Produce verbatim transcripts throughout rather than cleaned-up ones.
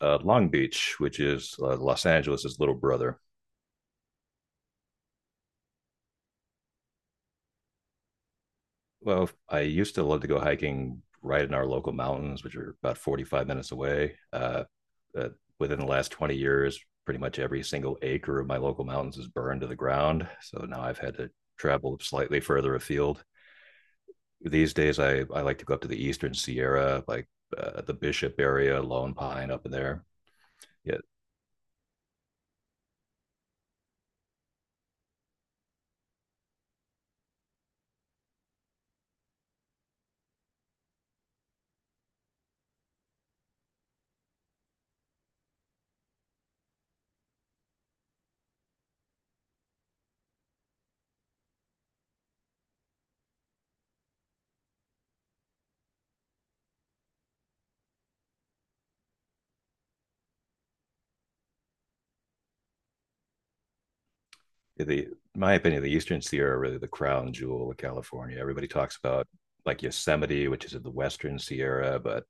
uh, Long Beach, which is uh, Los Angeles' little brother. Well, I used to love to go hiking right in our local mountains, which are about forty-five minutes away. Uh, uh, Within the last twenty years, pretty much every single acre of my local mountains is burned to the ground. So now I've had to travel slightly further afield. These days, I, I like to go up to the Eastern Sierra, like uh, the Bishop area, Lone Pine up in there. Yeah, the my opinion, the Eastern Sierra are really the crown jewel of California. Everybody talks about like Yosemite, which is in the Western Sierra, but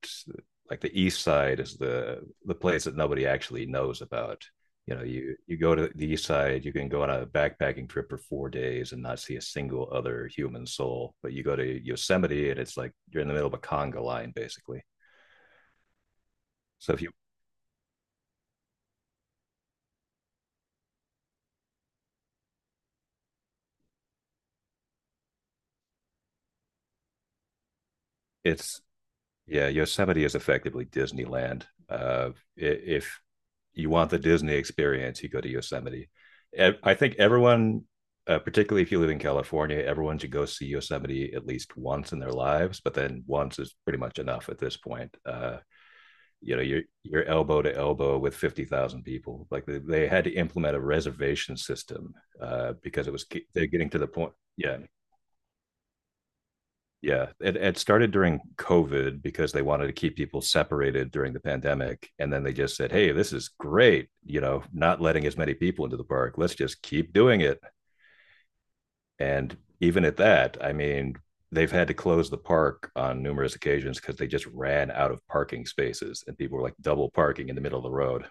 like the East Side is the the place that nobody actually knows about. You know, you you go to the East Side, you can go on a backpacking trip for four days and not see a single other human soul. But you go to Yosemite, and it's like you're in the middle of a conga line, basically. So if you, it's Yeah, Yosemite is effectively Disneyland. Uh, if you want the Disney experience, you go to Yosemite. I think everyone, uh, Particularly if you live in California, everyone should go see Yosemite at least once in their lives. But then once is pretty much enough at this point. Uh, you know, you're you're elbow to elbow with fifty thousand people. Like they, they had to implement a reservation system uh, because it was they're getting to the point. Yeah, yeah, it, it started during COVID because they wanted to keep people separated during the pandemic. And then they just said, "Hey, this is great, you know, not letting as many people into the park. Let's just keep doing it." And even at that, I mean, they've had to close the park on numerous occasions because they just ran out of parking spaces and people were like double parking in the middle of the road.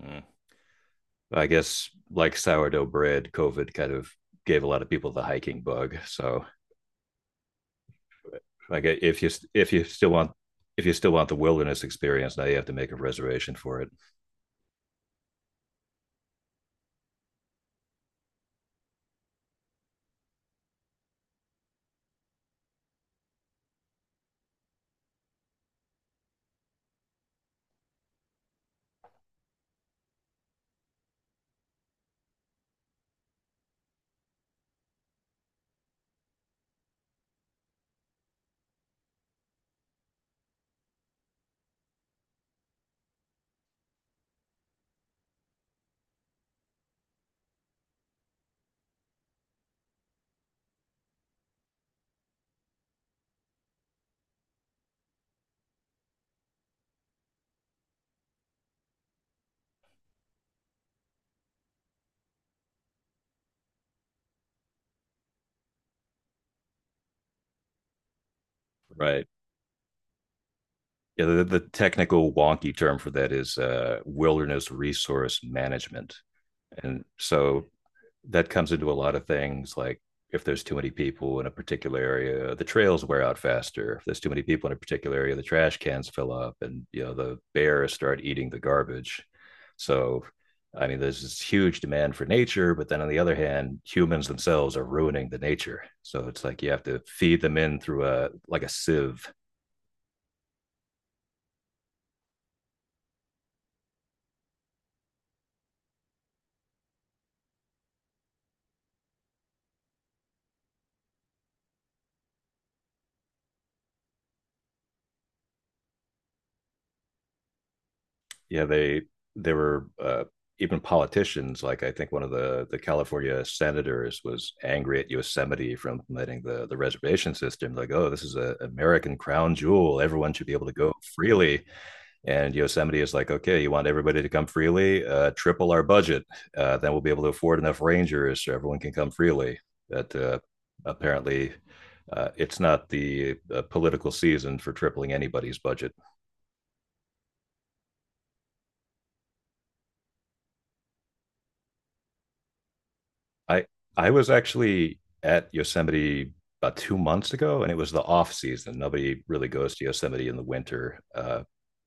Mm. I guess like sourdough bread, COVID kind of gave a lot of people the hiking bug. So like uh, if you if you still want if you still want the wilderness experience, now you have to make a reservation for it. Right. Yeah, the, the technical wonky term for that is uh, wilderness resource management. And so that comes into a lot of things like if there's too many people in a particular area, the trails wear out faster. If there's too many people in a particular area, the trash cans fill up and you know the bears start eating the garbage. So I mean, there's this huge demand for nature, but then on the other hand, humans themselves are ruining the nature. So it's like you have to feed them in through a like a sieve. Yeah, they they were uh, even politicians, like I think one of the the California senators was angry at Yosemite for implementing the the reservation system, like, "Oh, this is an American crown jewel, everyone should be able to go freely." And Yosemite is like, "Okay, you want everybody to come freely, uh, triple our budget, uh, then we'll be able to afford enough rangers so everyone can come freely." that uh, Apparently uh, it's not the uh, political season for tripling anybody's budget. I I was actually at Yosemite about two months ago, and it was the off season. Nobody really goes to Yosemite in the winter, uh,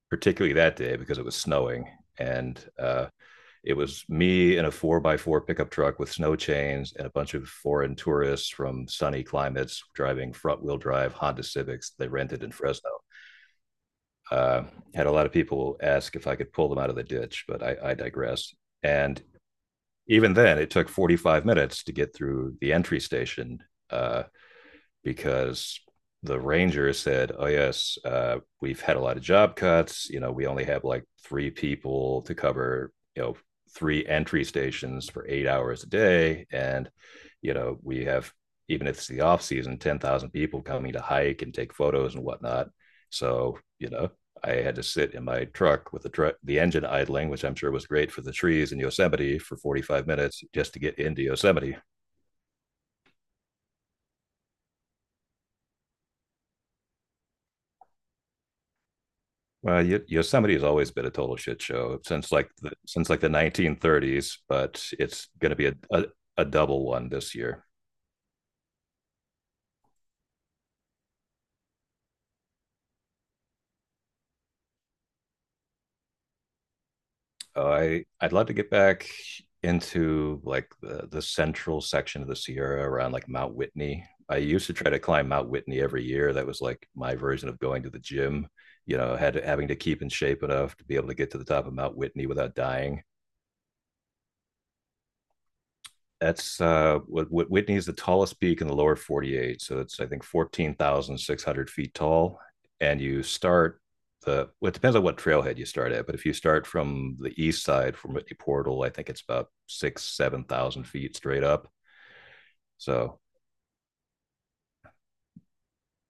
particularly that day because it was snowing. And uh, It was me in a four by four pickup truck with snow chains and a bunch of foreign tourists from sunny climates driving front wheel drive Honda Civics they rented in Fresno. Uh, Had a lot of people ask if I could pull them out of the ditch, but I, I digress. And even then, it took forty-five minutes to get through the entry station uh, because the ranger said, "Oh yes, uh, we've had a lot of job cuts. You know, we only have like three people to cover. You know, three entry stations for eight hours a day, and you know, we have even if it's the off season, ten thousand people coming to hike and take photos and whatnot. So you know, I had to sit in my truck with the truck, the engine idling, which I'm sure was great for the trees in Yosemite for forty-five minutes just to get into Yosemite." Well, y Yosemite has always been a total shit show since like the, since like the nineteen thirties, but it's going to be a, a a double one this year. Uh, I I'd love to get back into like the the central section of the Sierra around like Mount Whitney. I used to try to climb Mount Whitney every year. That was like my version of going to the gym. You know, had having to keep in shape enough to be able to get to the top of Mount Whitney without dying. That's uh, Whitney is the tallest peak in the lower forty-eight. So it's, I think, fourteen thousand six hundred feet tall. And you start the, well, it depends on what trailhead you start at. But if you start from the east side from Whitney Portal, I think it's about six, seven thousand feet straight up. So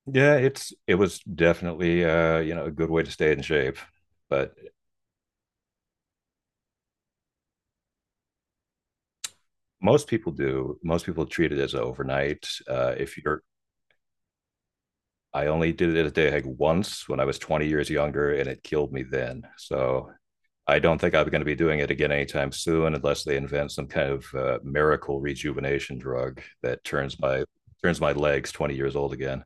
yeah, it's, it was definitely, uh, you know, a good way to stay in shape. But Most people do. Most people treat it as overnight. Uh, if you're I only did it a day hike once when I was twenty years younger, and it killed me then. So I don't think I'm going to be doing it again anytime soon, unless they invent some kind of uh, miracle rejuvenation drug that turns my turns my legs twenty years old again.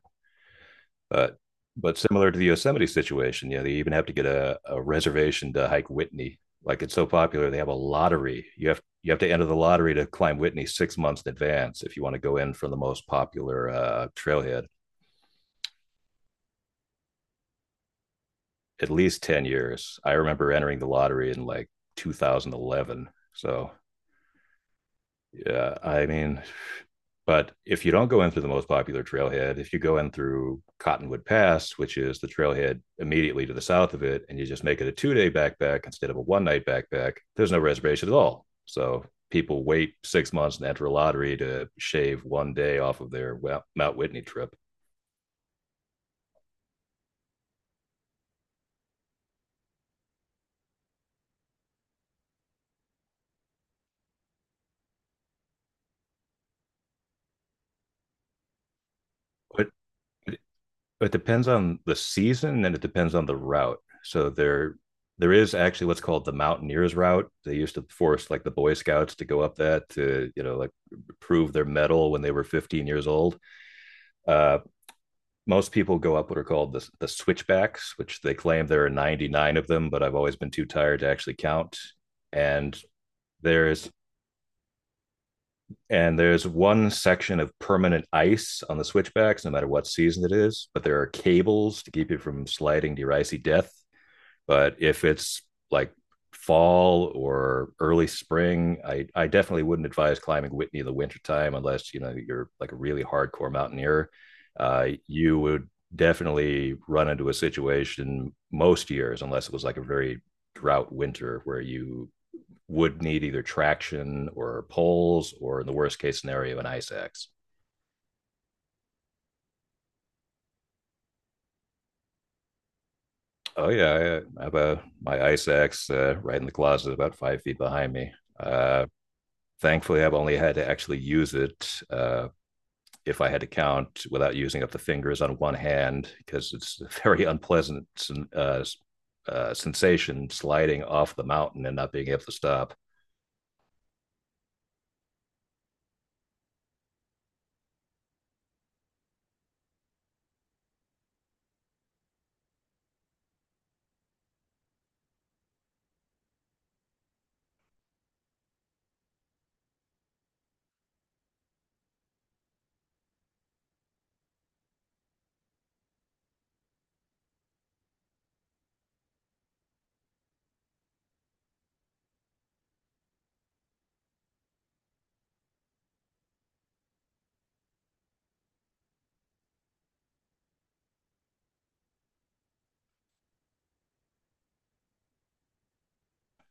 But but similar to the Yosemite situation, you know, they even have to get a, a reservation to hike Whitney. Like it's so popular, they have a lottery. You have you have to enter the lottery to climb Whitney six months in advance if you want to go in for the most popular uh, trailhead. At least ten years. I remember entering the lottery in like two thousand eleven. So, yeah, I mean, but if you don't go in through the most popular trailhead, if you go in through Cottonwood Pass, which is the trailhead immediately to the south of it, and you just make it a two day backpack instead of a one night backpack, there's no reservation at all. So people wait six months and enter a lottery to shave one day off of their Mount Whitney trip. But it depends on the season and it depends on the route. So there there is actually what's called the Mountaineers route. They used to force like the Boy Scouts to go up that to, you know, like prove their medal when they were fifteen years old. Uh, Most people go up what are called the, the switchbacks, which they claim there are ninety-nine of them, but I've always been too tired to actually count. And there's and there's one section of permanent ice on the switchbacks, no matter what season it is. But there are cables to keep you from sliding to your icy death. But if it's like fall or early spring, I, I definitely wouldn't advise climbing Whitney in the wintertime unless, you know, you're like a really hardcore mountaineer. Uh, you would definitely run into a situation most years, unless it was like a very drought winter where you would need either traction or poles or in the worst case scenario, an ice axe. Oh yeah, I have a my ice axe uh, right in the closet, about five feet behind me. Uh, Thankfully, I've only had to actually use it uh, if I had to count without using up the fingers on one hand, because it's a very unpleasant uh, uh, sensation sliding off the mountain and not being able to stop.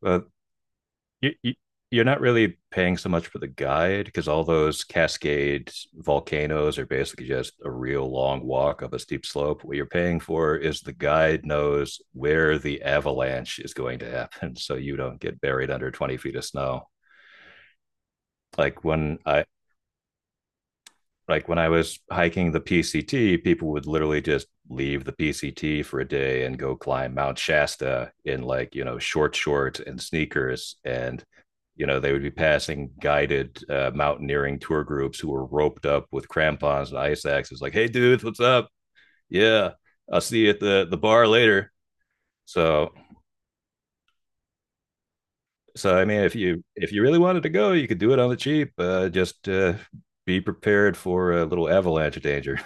But you, you, you're not really paying so much for the guide because all those cascade volcanoes are basically just a real long walk up a steep slope. What you're paying for is the guide knows where the avalanche is going to happen, so you don't get buried under twenty feet of snow. Like when I like when I was hiking the P C T, people would literally just leave the P C T for a day and go climb Mount Shasta in like, you know, short shorts and sneakers and you know, they would be passing guided uh, mountaineering tour groups who were roped up with crampons and ice axes like, "Hey dudes, what's up? Yeah, I'll see you at the the bar later." So, so I mean, if you if you really wanted to go, you could do it on the cheap. Uh, just uh, be prepared for a little avalanche danger.